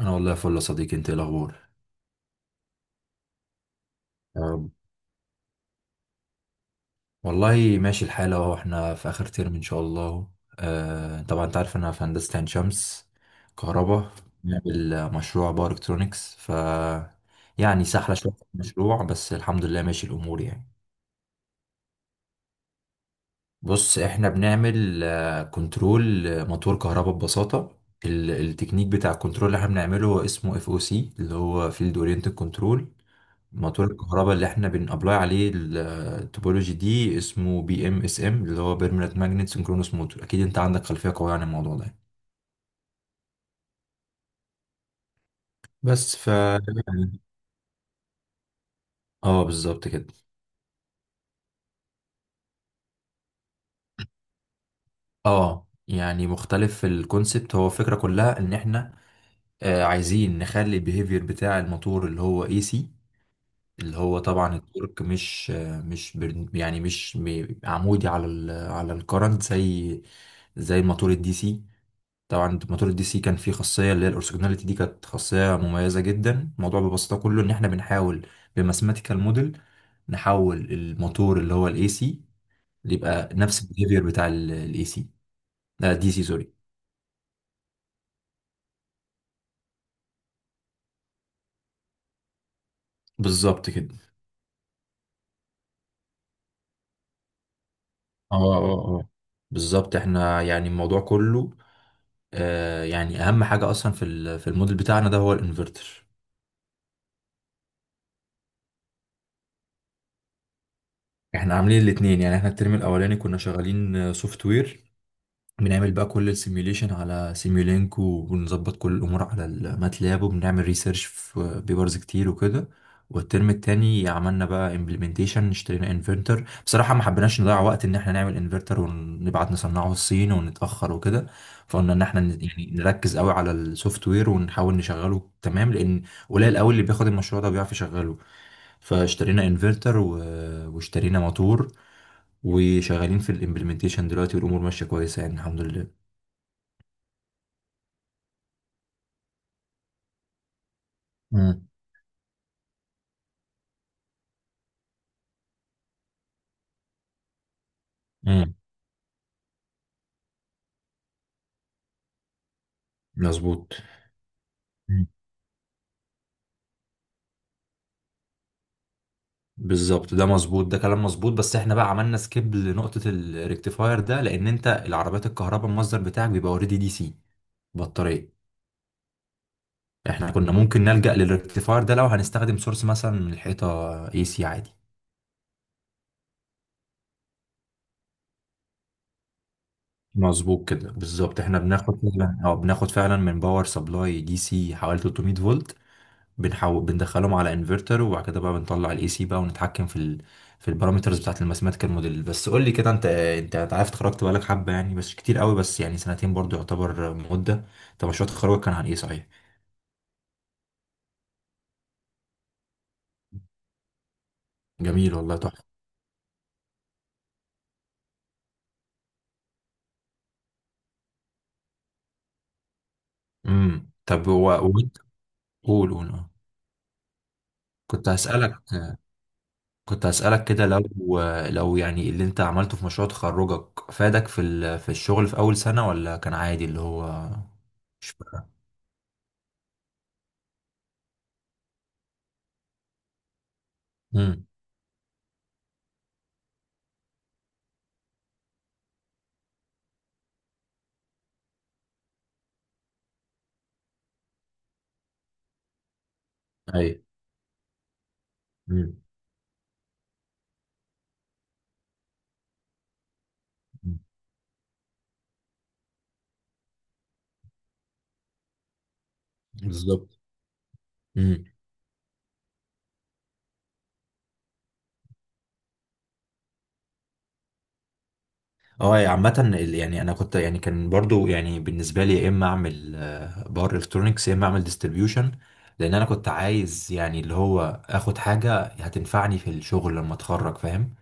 انا والله فل يا صديقي. انت إيه الاخبار؟ يا رب. والله ماشي الحال اهو، احنا في اخر ترم ان شاء الله. آه طبعا انت عارف انا في هندسه عين شمس، كهرباء. بنعمل مشروع باور الكترونكس، ف يعني سهله شويه في المشروع بس الحمد لله ماشي الامور يعني. بص احنا بنعمل كنترول موتور كهرباء ببساطه. التكنيك بتاع الكنترول اللي احنا بنعمله هو اسمه اف او سي، اللي هو فيلد اورينتد كنترول. موتور الكهرباء اللي احنا بنابلاي عليه، التوبولوجي دي اسمه بي ام اس ام، اللي هو بيرمننت ماجنت سنكرونوس موتور. اكيد انت عندك خلفيه قويه عن الموضوع ده. بس ف يعني- اه بالظبط كده. اه يعني مختلف في الكونسبت. هو الفكره كلها ان احنا عايزين نخلي البيهيفير بتاع الموتور اللي هو اي سي، اللي هو طبعا التورك مش آه مش بر- يعني مش م- عمودي على على الكرنت، زي زي الموتور الدي سي. طبعا موتور الدي سي كان فيه خاصيه اللي هي الاورثوجوناليتي دي، كانت خاصيه مميزه جدا. الموضوع ببساطه كله ان احنا بنحاول بماثيماتيكال موديل نحول الموتور اللي هو الاي سي، اللي يبقى نفس البيهيفير بتاع الاي سي، لا دي سي سوري. بالظبط كده. اه بالظبط. احنا يعني الموضوع كله يعني اهم حاجه اصلا في في الموديل بتاعنا ده هو الانفرتر. احنا عاملين الاثنين يعني. احنا الترم الاولاني كنا شغالين سوفت وير، بنعمل بقى كل السيميوليشن على سيميولينك، وبنظبط كل الامور على الماتلاب، وبنعمل ريسيرش في بيبرز كتير وكده. والترم التاني عملنا بقى امبلمنتيشن، اشترينا انفرتر. بصراحة ما حبيناش نضيع وقت ان احنا نعمل انفرتر ونبعت نصنعه الصين ونتأخر وكده. فقلنا ان احنا نركز قوي على السوفت وير ونحاول نشغله تمام، لان قليل قوي اللي بياخد المشروع ده وبيعرف يشغله. فاشترينا انفرتر و... واشترينا موتور، وشغالين في الامبلمنتيشن دلوقتي، والامور ماشيه كويسه يعني الحمد لله. مم. امم. مظبوط. مم. بالظبط ده مظبوط، ده كلام مظبوط. بس احنا بقى عملنا سكيب لنقطه الريكتيفاير ده، لان انت العربيات الكهرباء المصدر بتاعك بيبقى اوريدي دي سي، بطاريه. احنا كنا ممكن نلجأ للريكتيفاير ده لو هنستخدم سورس مثلا من الحيطه، اي سي عادي. مظبوط كده بالظبط. احنا بناخد فعلا، من باور سبلاي دي سي حوالي 300 فولت. بندخلهم على انفرتر، وبعد كده بقى بنطلع الاي سي بقى ونتحكم في ال... في البارامترز بتاعت الماثيماتيكال موديل. بس قول لي كده، انت عارف اتخرجت بقالك حبه يعني، بس مش كتير قوي، بس يعني سنتين برضو يعتبر مده. طب مشروع تخرجك كان عن ايه صحيح؟ جميل والله، تحفه. امم. طب هو وانت قول اه. كنت هسألك كنت هسألك كده لو، لو يعني اللي انت عملته في مشروع تخرجك فادك في ال... في الشغل في اول سنه، ولا كان عادي اللي هو مش فارقة؟ امم. ايوه. امم. بالظبط. امم. اه يعني عامة يعني انا كنت يعني كان برضو يعني بالنسبة لي يا اما اعمل بار الكترونكس يا اما اعمل ديستريبيوشن، لان انا كنت عايز يعني اللي هو اخد حاجة هتنفعني في الشغل لما اتخرج، فاهم.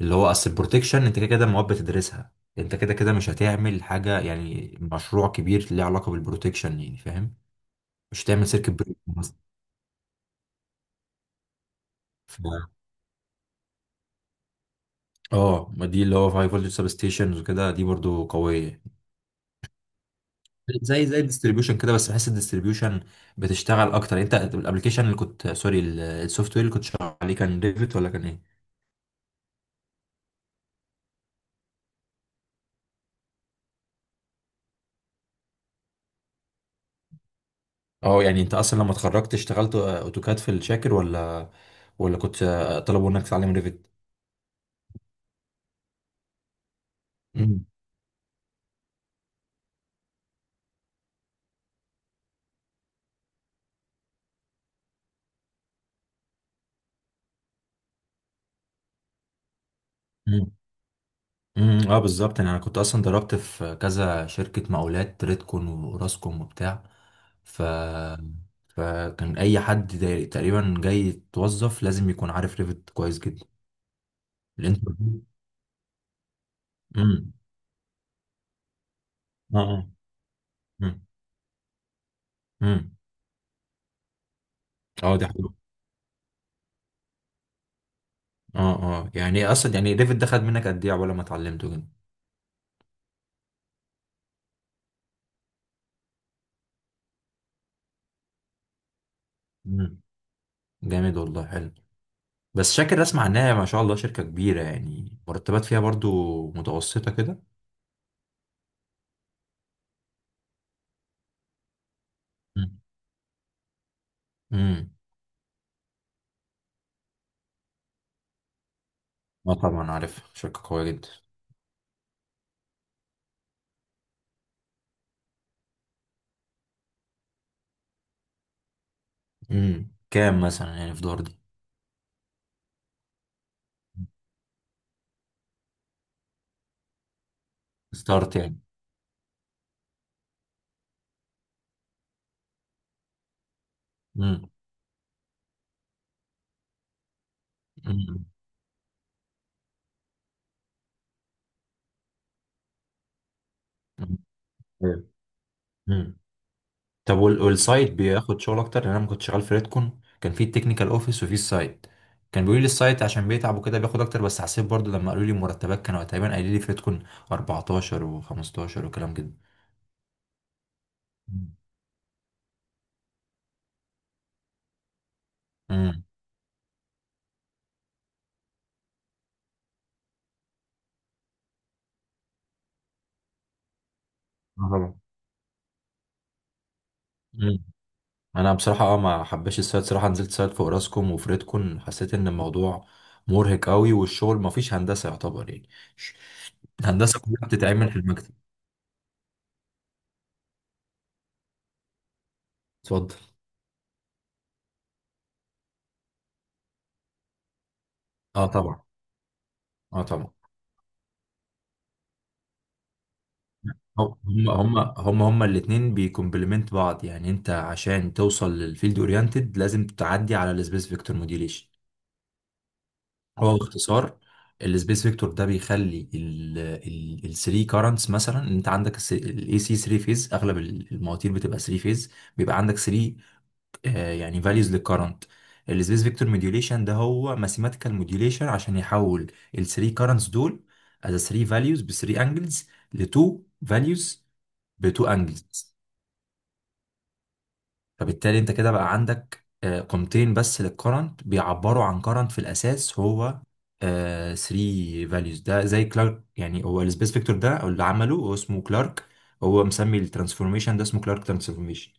اللي هو اصل البروتكشن انت كده كده المواد بتدرسها، انت كده كده مش هتعمل حاجة يعني مشروع كبير ليه علاقة بالبروتكشن يعني، فاهم، مش هتعمل سيركت بريك مثلا. ف- اه ما دي اللي هو هاي فولتج سب ستيشنز وكده، دي برضو قوية زي زي الديستريبيوشن كده. بس بحس الديستريبيوشن بتشتغل اكتر. انت الابلكيشن اللي كنت، سوري، السوفت وير اللي كنت شغال عليه كان ريفت ولا كان ايه؟ اه يعني انت اصلا لما اتخرجت اشتغلت اوتوكاد في الشاكر، ولا كنت طلبوا انك تتعلم ريفت؟ امم. امم. أمم، اه بالظبط. يعني انا كنت اصلا ضربت في كذا شركة مقاولات، ريدكون وراسكوم وبتاع، ف فكان اي حد تقريبا جاي يتوظف لازم يكون عارف ريفت كويس جدا. الانترفيو. امم. اه. آه. امم. اه دي حلوه. اه اه يعني ايه اصلا، يعني ديفيد ده خد منك قد ايه عقبال ما اتعلمته كده؟ امم. جامد والله، حلو. بس شاكر اسمع انها ما شاء الله شركه كبيره، يعني مرتبات فيها برضو متوسطه كده. امم. امم. اه طبعا عارف، شركه قويه جدا. امم، كام مثلا يعني في دور دي؟ ستارت يعني. امم. امم. طب والسايت بياخد شغل اكتر؟ لان انا لما كنت شغال في ريدكون كان في التكنيكال اوفيس وفي السايت، كان بيقولوا لي السايت عشان بيتعب وكده بياخد اكتر، بس حسيت برضو لما قالوا لي المرتبات كانوا تقريبا قايلين لي في ريدكون 14 و15 وكلام كده. مم. امم. آه طبعا. امم. انا بصراحه اه ما حبيتش السايت صراحه، نزلت سايت في اوراسكوم وفي ريدكون حسيت ان الموضوع مرهق قوي، والشغل ما فيش هندسه يعتبر يعني. ش- الهندسه كلها بتتعمل في المكتب. اتفضل. اه طبعا. اه طبعا، هم الاثنين بيكمبلمنت بعض يعني. انت عشان توصل للفيلد اورينتد لازم تعدي على السبيس فيكتور موديوليشن. هو باختصار السبيس فيكتور ده بيخلي ال 3 كارنتس، مثلا ان انت عندك الاي سي 3 فيز، اغلب المواتير بتبقى 3 فيز، بيبقى عندك 3 يعني values للكرنت. السبيس فيكتور موديوليشن ده هو ماثيماتيكال موديوليشن عشان يحول ال 3 currents دول as 3 values ب 3 angles ل 2 values ب 2 angles. فبالتالي انت كده بقى عندك قيمتين بس للكرنت بيعبروا عن current، في الاساس هو 3 values. ده زي كلارك يعني، هو السبيس فيكتور ده، اللي عمله هو اسمه كلارك. هو مسمي الترانسفورميشن ده اسمه كلارك ترانسفورميشن.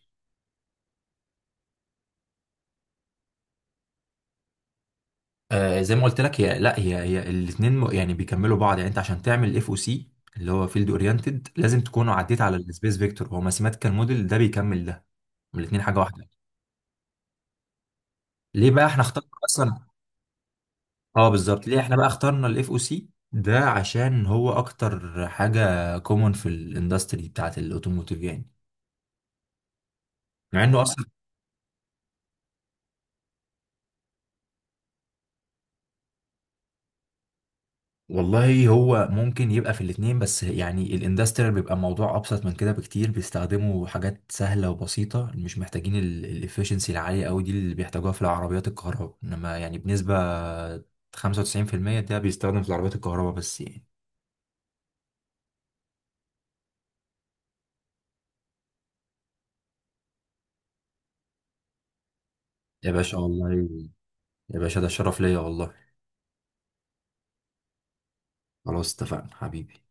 آه زي ما قلت لك، هي لا هي هي الاثنين يعني بيكملوا بعض. يعني انت عشان تعمل اف او سي اللي هو فيلد اورينتد لازم تكون عديت على السبيس فيكتور، هو ماثيماتيكال موديل ده بيكمل ده، الاثنين حاجه واحده. ليه بقى احنا اخترنا اصلا؟ اه بالظبط، ليه احنا بقى اخترنا الاف او سي ده؟ عشان هو اكتر حاجه كومون في الاندستري بتاعت الاوتوموتيف يعني. مع انه اصلا، والله هو ممكن يبقى في الاتنين، بس يعني الاندستريال بيبقى موضوع ابسط من كده بكتير، بيستخدموا حاجات سهله وبسيطه مش محتاجين الافشنسي العاليه قوي دي اللي بيحتاجوها في العربيات الكهرباء. انما يعني بنسبه 95% ده بيستخدم في العربيات الكهرباء بس يعني. يا باشا والله، يا باشا ده شرف ليا والله. خلاص اتفقنا حبيبي.